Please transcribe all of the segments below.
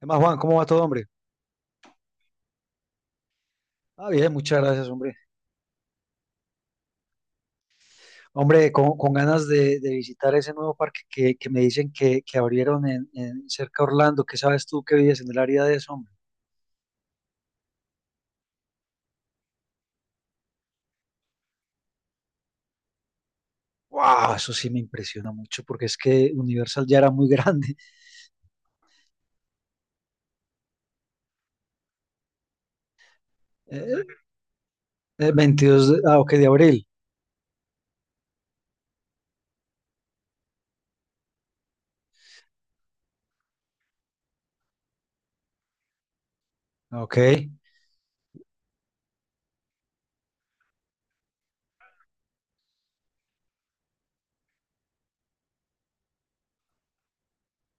¿Qué más, Juan? ¿Cómo va todo, hombre? Ah, bien, muchas gracias, hombre. Hombre, con ganas de visitar ese nuevo parque que me dicen que abrieron en cerca de Orlando. ¿Qué sabes tú que vives en el área de eso, hombre? Wow, eso sí me impresiona mucho porque es que Universal ya era muy grande. Eh, 22 de, ah, ok, de abril. Ah, ok,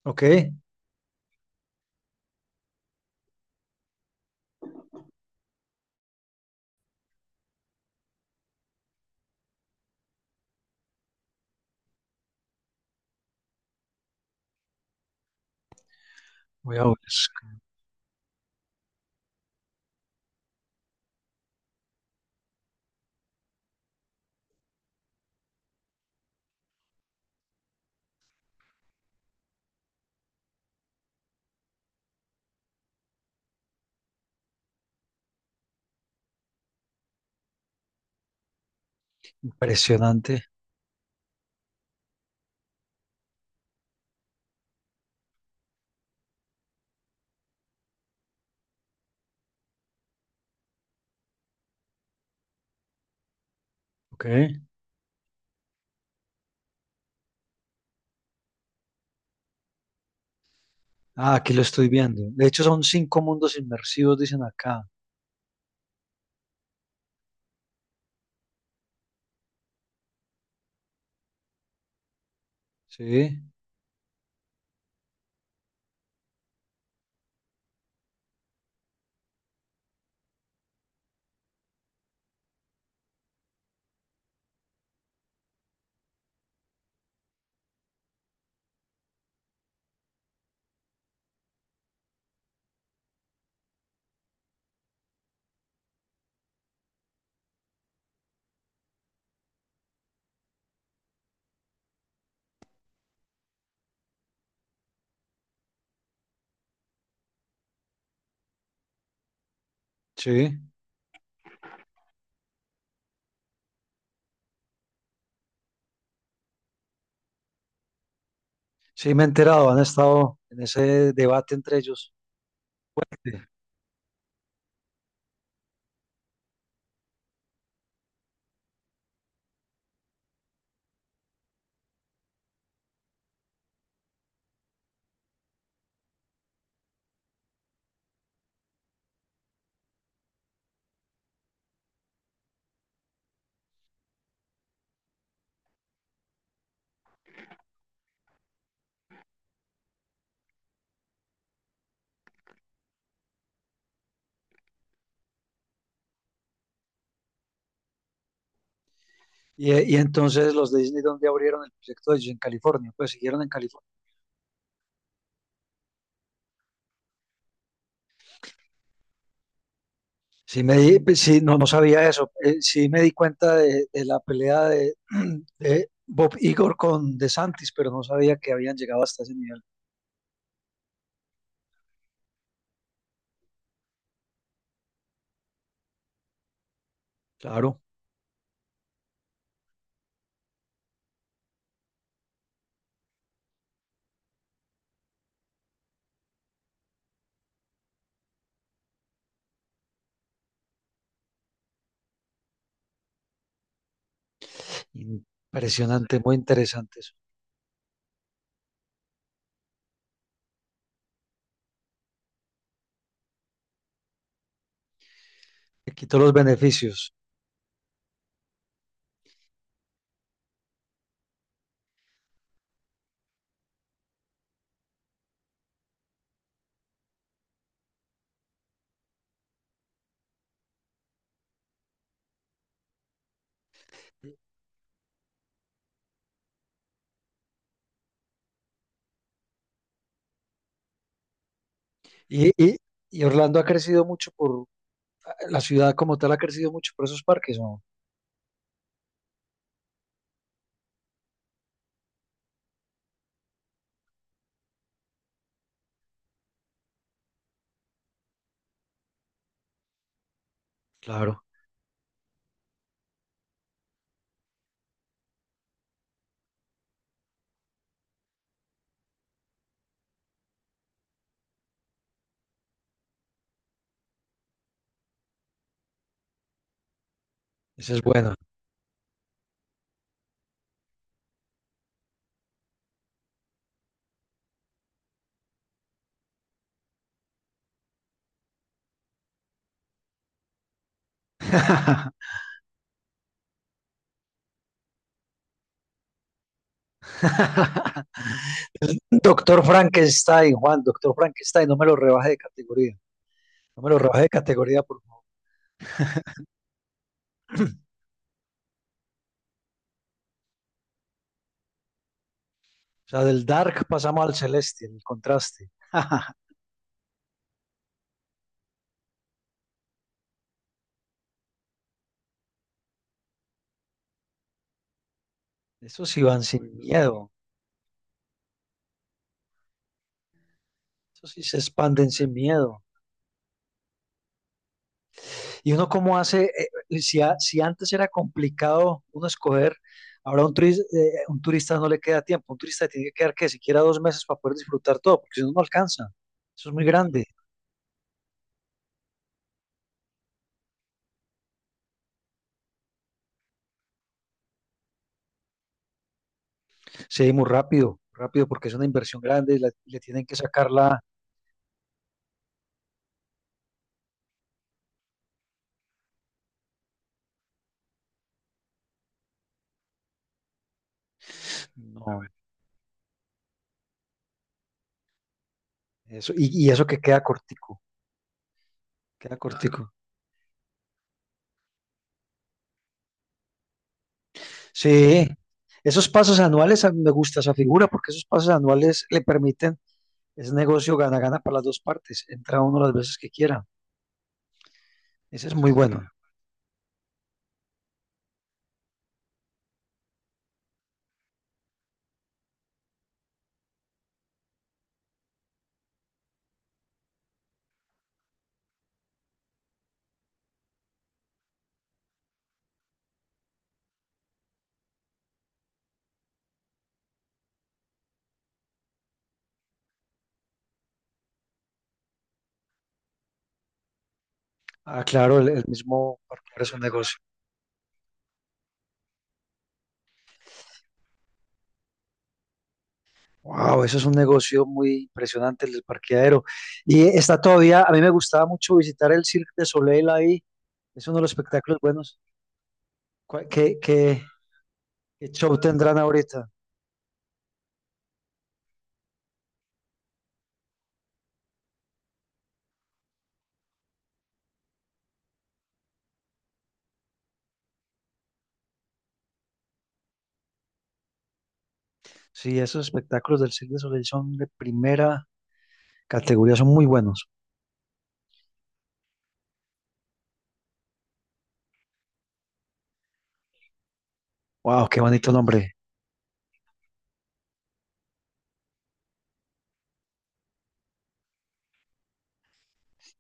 ok. Voy a ver, impresionante. Ok. Ah, aquí lo estoy viendo. De hecho, son 5 mundos inmersivos, dicen acá. Sí, sí. Sí, me he enterado, han estado en ese debate entre ellos. Sí. Y entonces los de Disney, ¿dónde abrieron el proyecto de ellos? En California, pues siguieron en California. Sí, pues, sí, no, no sabía eso. Sí me di cuenta de la pelea de, de Bob Igor con DeSantis, pero no sabía que habían llegado hasta ese nivel. Claro, impresionante, muy interesante eso. Le quito los beneficios. Y, y, y Orlando ha crecido mucho por, la ciudad como tal ha crecido mucho por esos parques, ¿no? Claro, eso es bueno. Doctor Frankenstein, Juan, Doctor Frankenstein, no me lo rebaje de categoría. No me lo rebaje de categoría, por favor. O sea, del dark pasamos al celeste, el contraste. Esos sí van sin miedo. Esos sí se expanden sin miedo. Y uno cómo hace, si, si antes era complicado uno escoger, ahora un turista no le queda tiempo. Un turista tiene que quedar que siquiera 2 meses para poder disfrutar todo, porque si no, no alcanza. Eso es muy grande. Sí, muy rápido, rápido, porque es una inversión grande, le tienen que sacar la, no, eso, y eso que queda cortico, queda cortico. Sí, esos pasos anuales, a mí me gusta esa figura porque esos pasos anuales le permiten, es negocio gana-gana para las dos partes, entra uno las veces que quiera. Ese es muy bueno. Ah, claro, el mismo parqueadero es un negocio. Wow, eso es un negocio muy impresionante, el del parqueadero. Y está todavía, a mí me gustaba mucho visitar el Cirque de Soleil ahí, es uno de los espectáculos buenos. ¿Cuál- ¿Qué, qué, qué show tendrán ahorita? Sí, esos espectáculos del Cirque du Soleil son de primera categoría, son muy buenos. Wow, qué bonito nombre.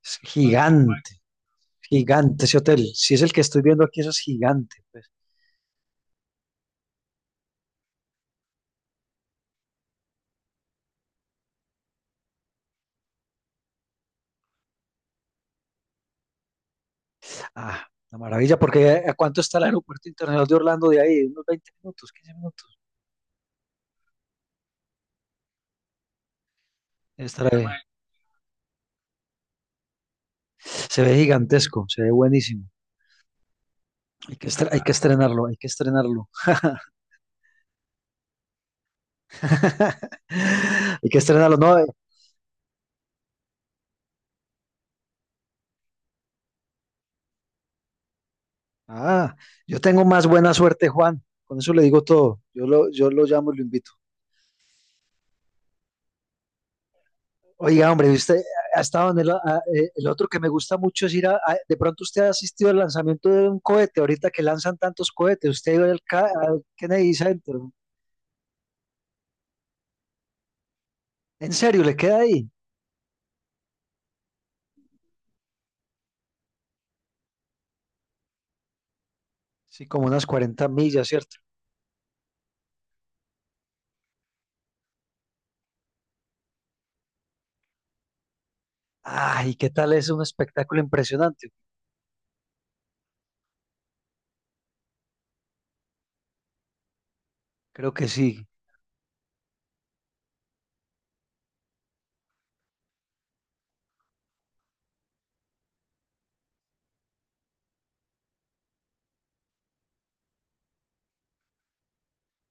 Es gigante, gigante ese hotel. Si es el que estoy viendo aquí, eso es gigante. Pues, ah, una maravilla, porque ¿a cuánto está el aeropuerto internacional de Orlando de ahí? Unos 20 minutos, 15 minutos. Estará ahí. Se ve gigantesco, se ve buenísimo. Hay que estrenarlo, hay que estrenarlo. Hay que estrenarlo, ¿no? Ah, yo tengo más buena suerte, Juan. Con eso le digo todo. Yo lo llamo y lo invito. Oiga, hombre, usted hasta donde el otro que me gusta mucho es ir a, de pronto usted ha asistido al lanzamiento de un cohete, ahorita que lanzan tantos cohetes, usted ha ido al Kennedy Center. ¿En serio le queda ahí? Sí, como unas 40 millas, ¿cierto? Ay, ¿qué tal? Es un espectáculo impresionante. Creo que sí.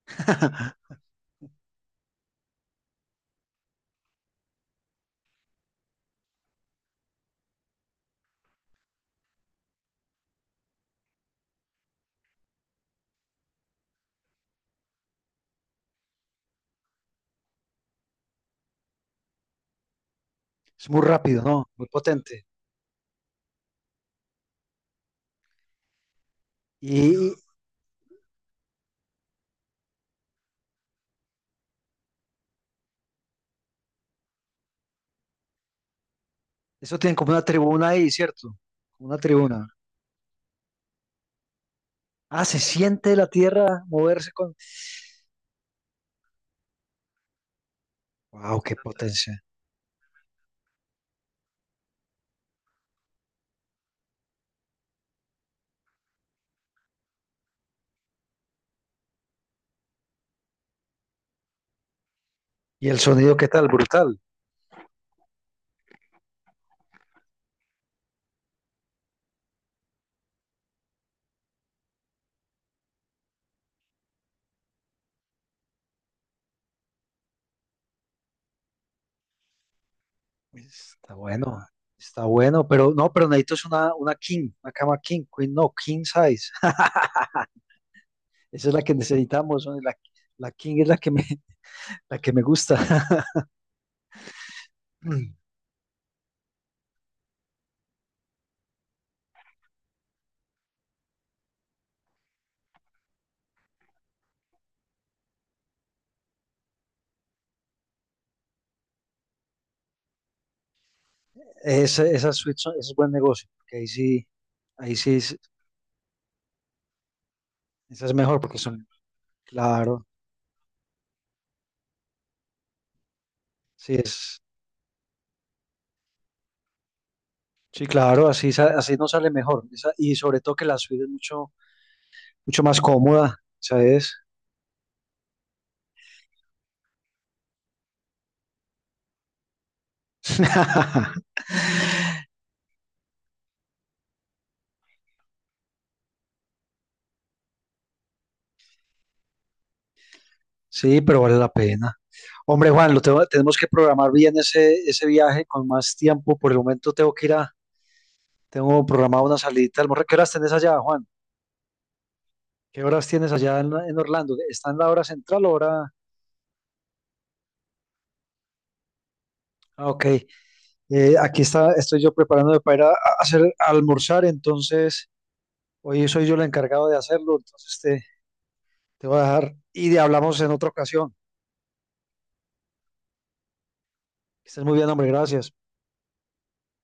Es muy rápido, ¿no? Muy potente. Y eso tiene como una tribuna ahí, ¿cierto? Como una tribuna. Ah, se siente la tierra moverse con... ¡Wow, qué potencia! Y el sonido, ¿qué tal? Brutal. Está bueno, está bueno, pero no, pero necesito es una king, una cama king, queen no, king size. Esa es la que necesitamos, ¿no? La king es la que me, la que me gusta. Esa, es buen negocio, porque ahí sí, esa es mejor, porque son, claro, sí es, sí, claro, así, así no sale mejor. Y sobre todo que la suite es mucho, mucho más cómoda, ¿sabes? Sí, pero vale la pena. Hombre, Juan, tenemos que programar bien ese, ese viaje con más tiempo. Por el momento tengo que ir a, tengo programado una salidita. De almuerzo. ¿Qué horas tenés allá, Juan? ¿Qué horas tienes allá en Orlando? ¿Está en la hora central o hora? Ah, ok. Aquí está, estoy yo preparándome para ir a hacer a almorzar, entonces hoy soy yo el encargado de hacerlo, entonces te voy a dejar hablamos en otra ocasión. Que estés muy bien, hombre, gracias.